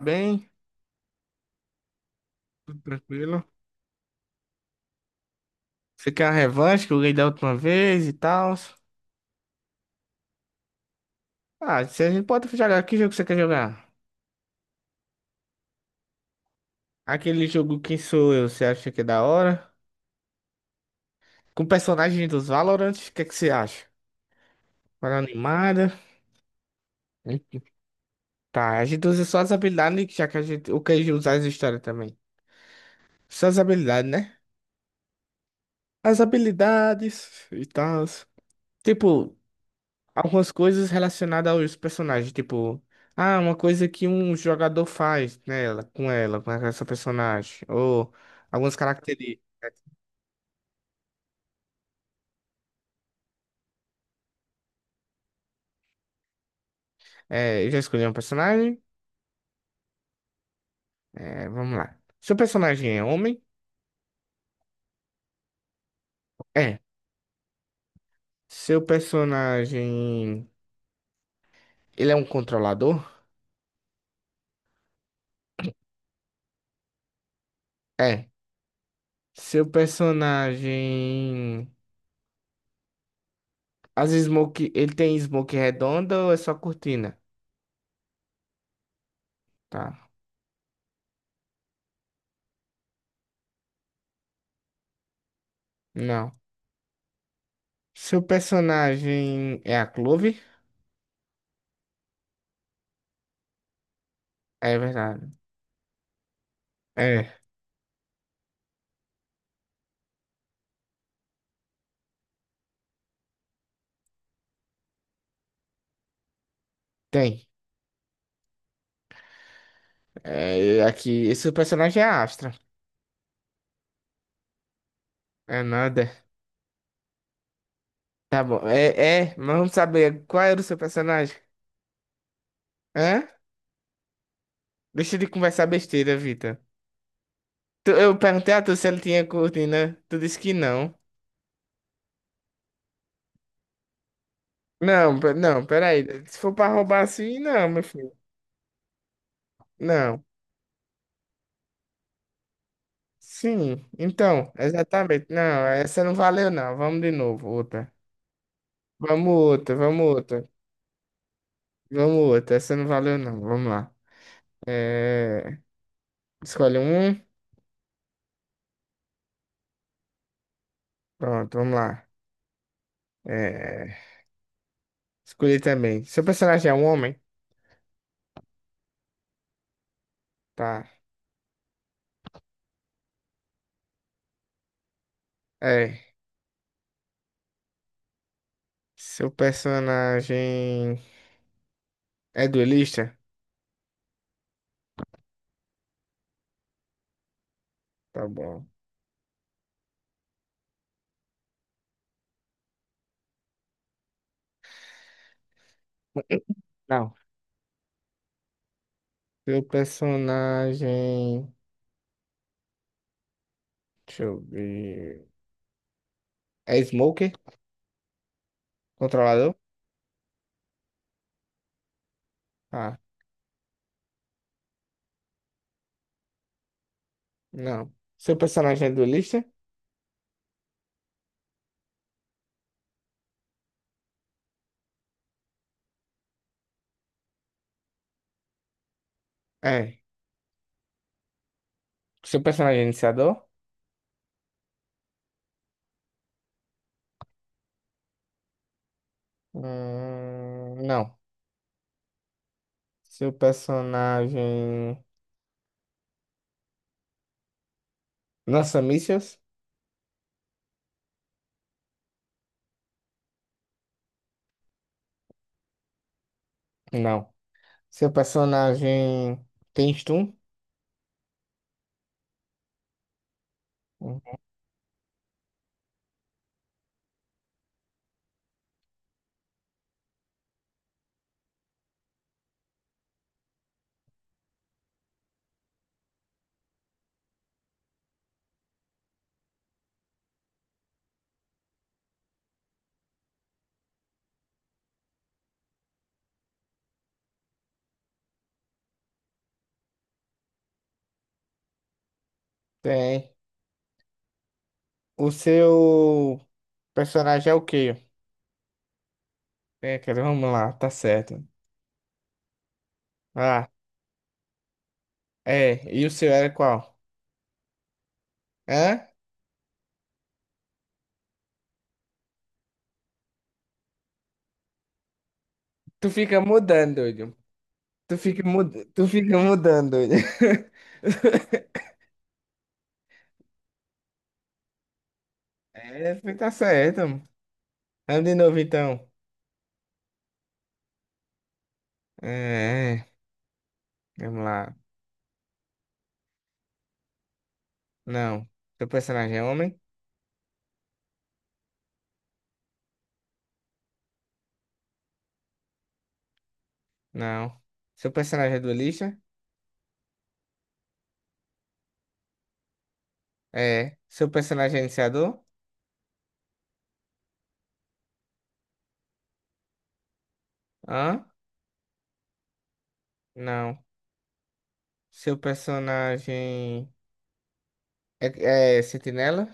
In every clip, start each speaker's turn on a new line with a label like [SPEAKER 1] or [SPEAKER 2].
[SPEAKER 1] Bem, tudo tranquilo. Você quer a revanche que eu ganhei da última vez e tal? Ah, se a gente pode jogar, que jogo você quer jogar? Aquele jogo Quem Sou Eu, você acha que é da hora? Com personagem dos Valorant, o que é que você acha? Para animada. Tá, a gente usa só as habilidades, já que a gente. O que a gente usar as histórias também. Só as habilidades, né? As habilidades e tal. Tipo, algumas coisas relacionadas aos personagens, tipo, ah, uma coisa que um jogador faz nela, com ela, com essa personagem, ou algumas características. É, eu já escolhi um personagem. É, vamos lá. Seu personagem é homem? É. Seu personagem, ele é um controlador? É. Seu personagem, as smoke, ele tem smoke redonda ou é só cortina? Tá. Não. Seu personagem é a Clove? É verdade. É. Tem. É, aqui, esse personagem é Astra. É nada. Tá bom. É, é, mas vamos saber qual era o seu personagem. Hã? Deixa de conversar besteira, Vitor. Eu perguntei a tu se ele tinha cortina. Tu disse que não. Não, peraí. Se for pra roubar assim, não, meu filho. Não. Sim, então, exatamente. Não, essa não valeu, não. Vamos de novo, outra. Vamos outra, vamos outra. Vamos outra. Essa não valeu, não. Vamos lá. É... Escolhe um. Pronto, vamos lá. É, escolhi também. Seu personagem é um homem? Tá. É. Seu personagem é duelista? Tá bom. Não. Seu personagem. Deixa eu ver. É Smoker? Controlador? Ah, não. Seu personagem é duelista? É. Seu personagem é iniciador? Não. Seu personagem lança mísseis? Não. Seu personagem tem stun? Hum, Tem. O seu personagem é o quê? É, cara, vamos lá, tá certo. Ah, é. E o seu era qual? Hã? Tu fica mudando, doido. Tu fica mudando, doido. É, tá certo. Vamos de novo, então. É, é, vamos lá. Não. Seu personagem é homem? Não. Seu personagem é duelista? É. Seu personagem é iniciador? Hã? Não. Seu personagem é sentinela?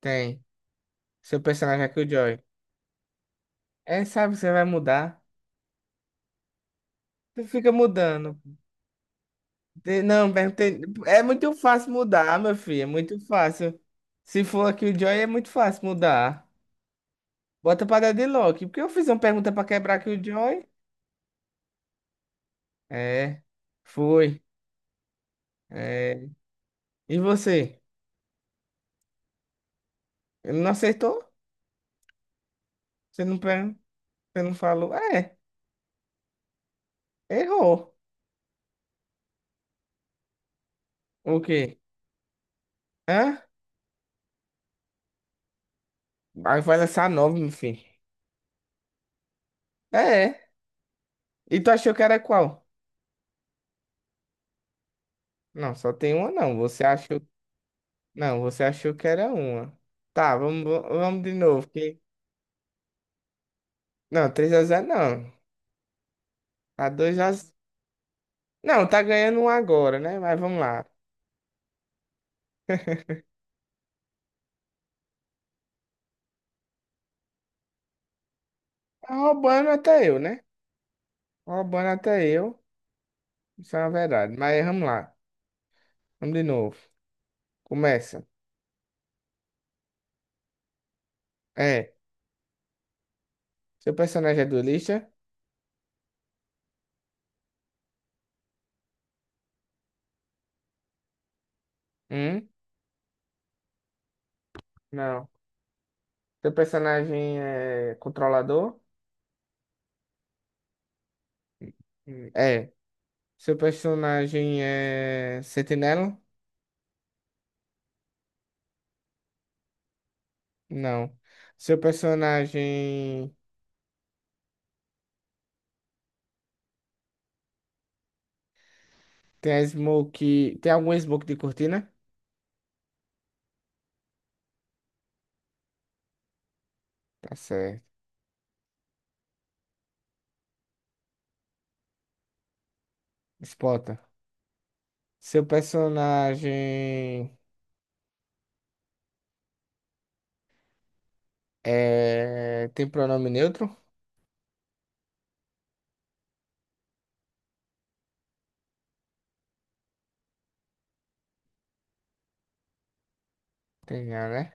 [SPEAKER 1] Tem. Seu personagem é Killjoy. É, sabe, você vai mudar. Tu fica mudando. Não, perguntei. É muito fácil mudar, meu filho. É muito fácil. Se for aqui o Joy é muito fácil mudar. Bota pra dar de Loki. Porque eu fiz uma pergunta pra quebrar aqui o Joy. É. Foi. É. E você? Ele não acertou? Você não, per- você não falou? É. Errou. O quê? Hã? Aí vai lançar nove, meu filho. É. E tu achou que era qual? Não, só tem uma não. Você achou. Não, você achou que era uma. Tá, vamos, vamos de novo. Que... Não, três x 0 não. Tá dois x 0. Não, tá ganhando um agora, né? Mas vamos lá. Tá roubando até eu, né? Tá roubando até eu. Isso é uma verdade. Mas vamos lá. Vamos de novo. Começa. É. Seu personagem é duelista? Hum? Não. Seu personagem é controlador? É. Seu personagem é sentinela? Não. Seu personagem. Tem a smoke. Tem algum smoke de cortina? Tá certo. Spota. Seu personagem tem pronome neutro? Tem não, né?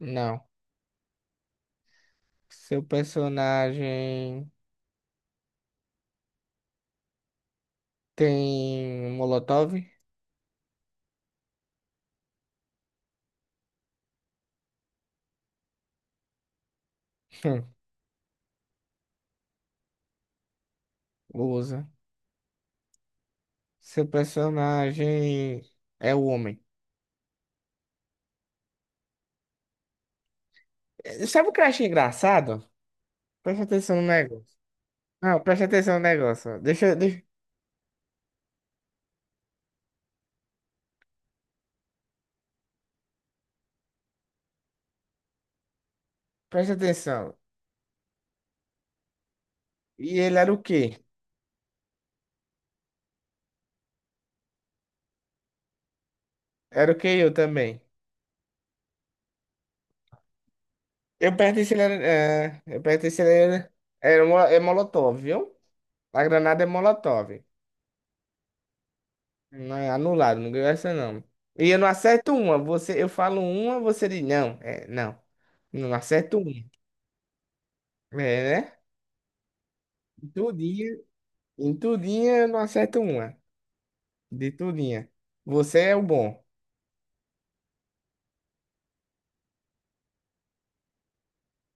[SPEAKER 1] Não. Seu personagem tem molotov? Hum, Usa. Seu personagem é o homem. Sabe o que eu acho engraçado? Presta atenção no negócio. Não, presta atenção no negócio. Deixa, deixa... Presta atenção. E ele era o quê? Era o que eu também. Eu perguntei se ele era. É, eu perguntei se ele era. É Molotov, viu? A granada é Molotov. Não é anulado, não ganhou essa não. E eu não acerto uma. Você, eu falo uma, você diz não. É, não. Não acerto uma. É, né? Em Tudinha, em tudinha eu não acerto uma. De tudinha. Você é o bom.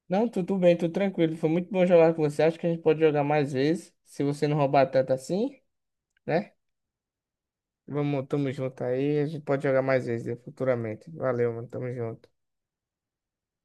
[SPEAKER 1] Não, tudo bem, tudo tranquilo. Foi muito bom jogar com você. Acho que a gente pode jogar mais vezes. Se você não roubar tanto assim, né? Vamos, tamo junto aí. A gente pode jogar mais vezes, né, futuramente. Valeu, mano. Tamo junto.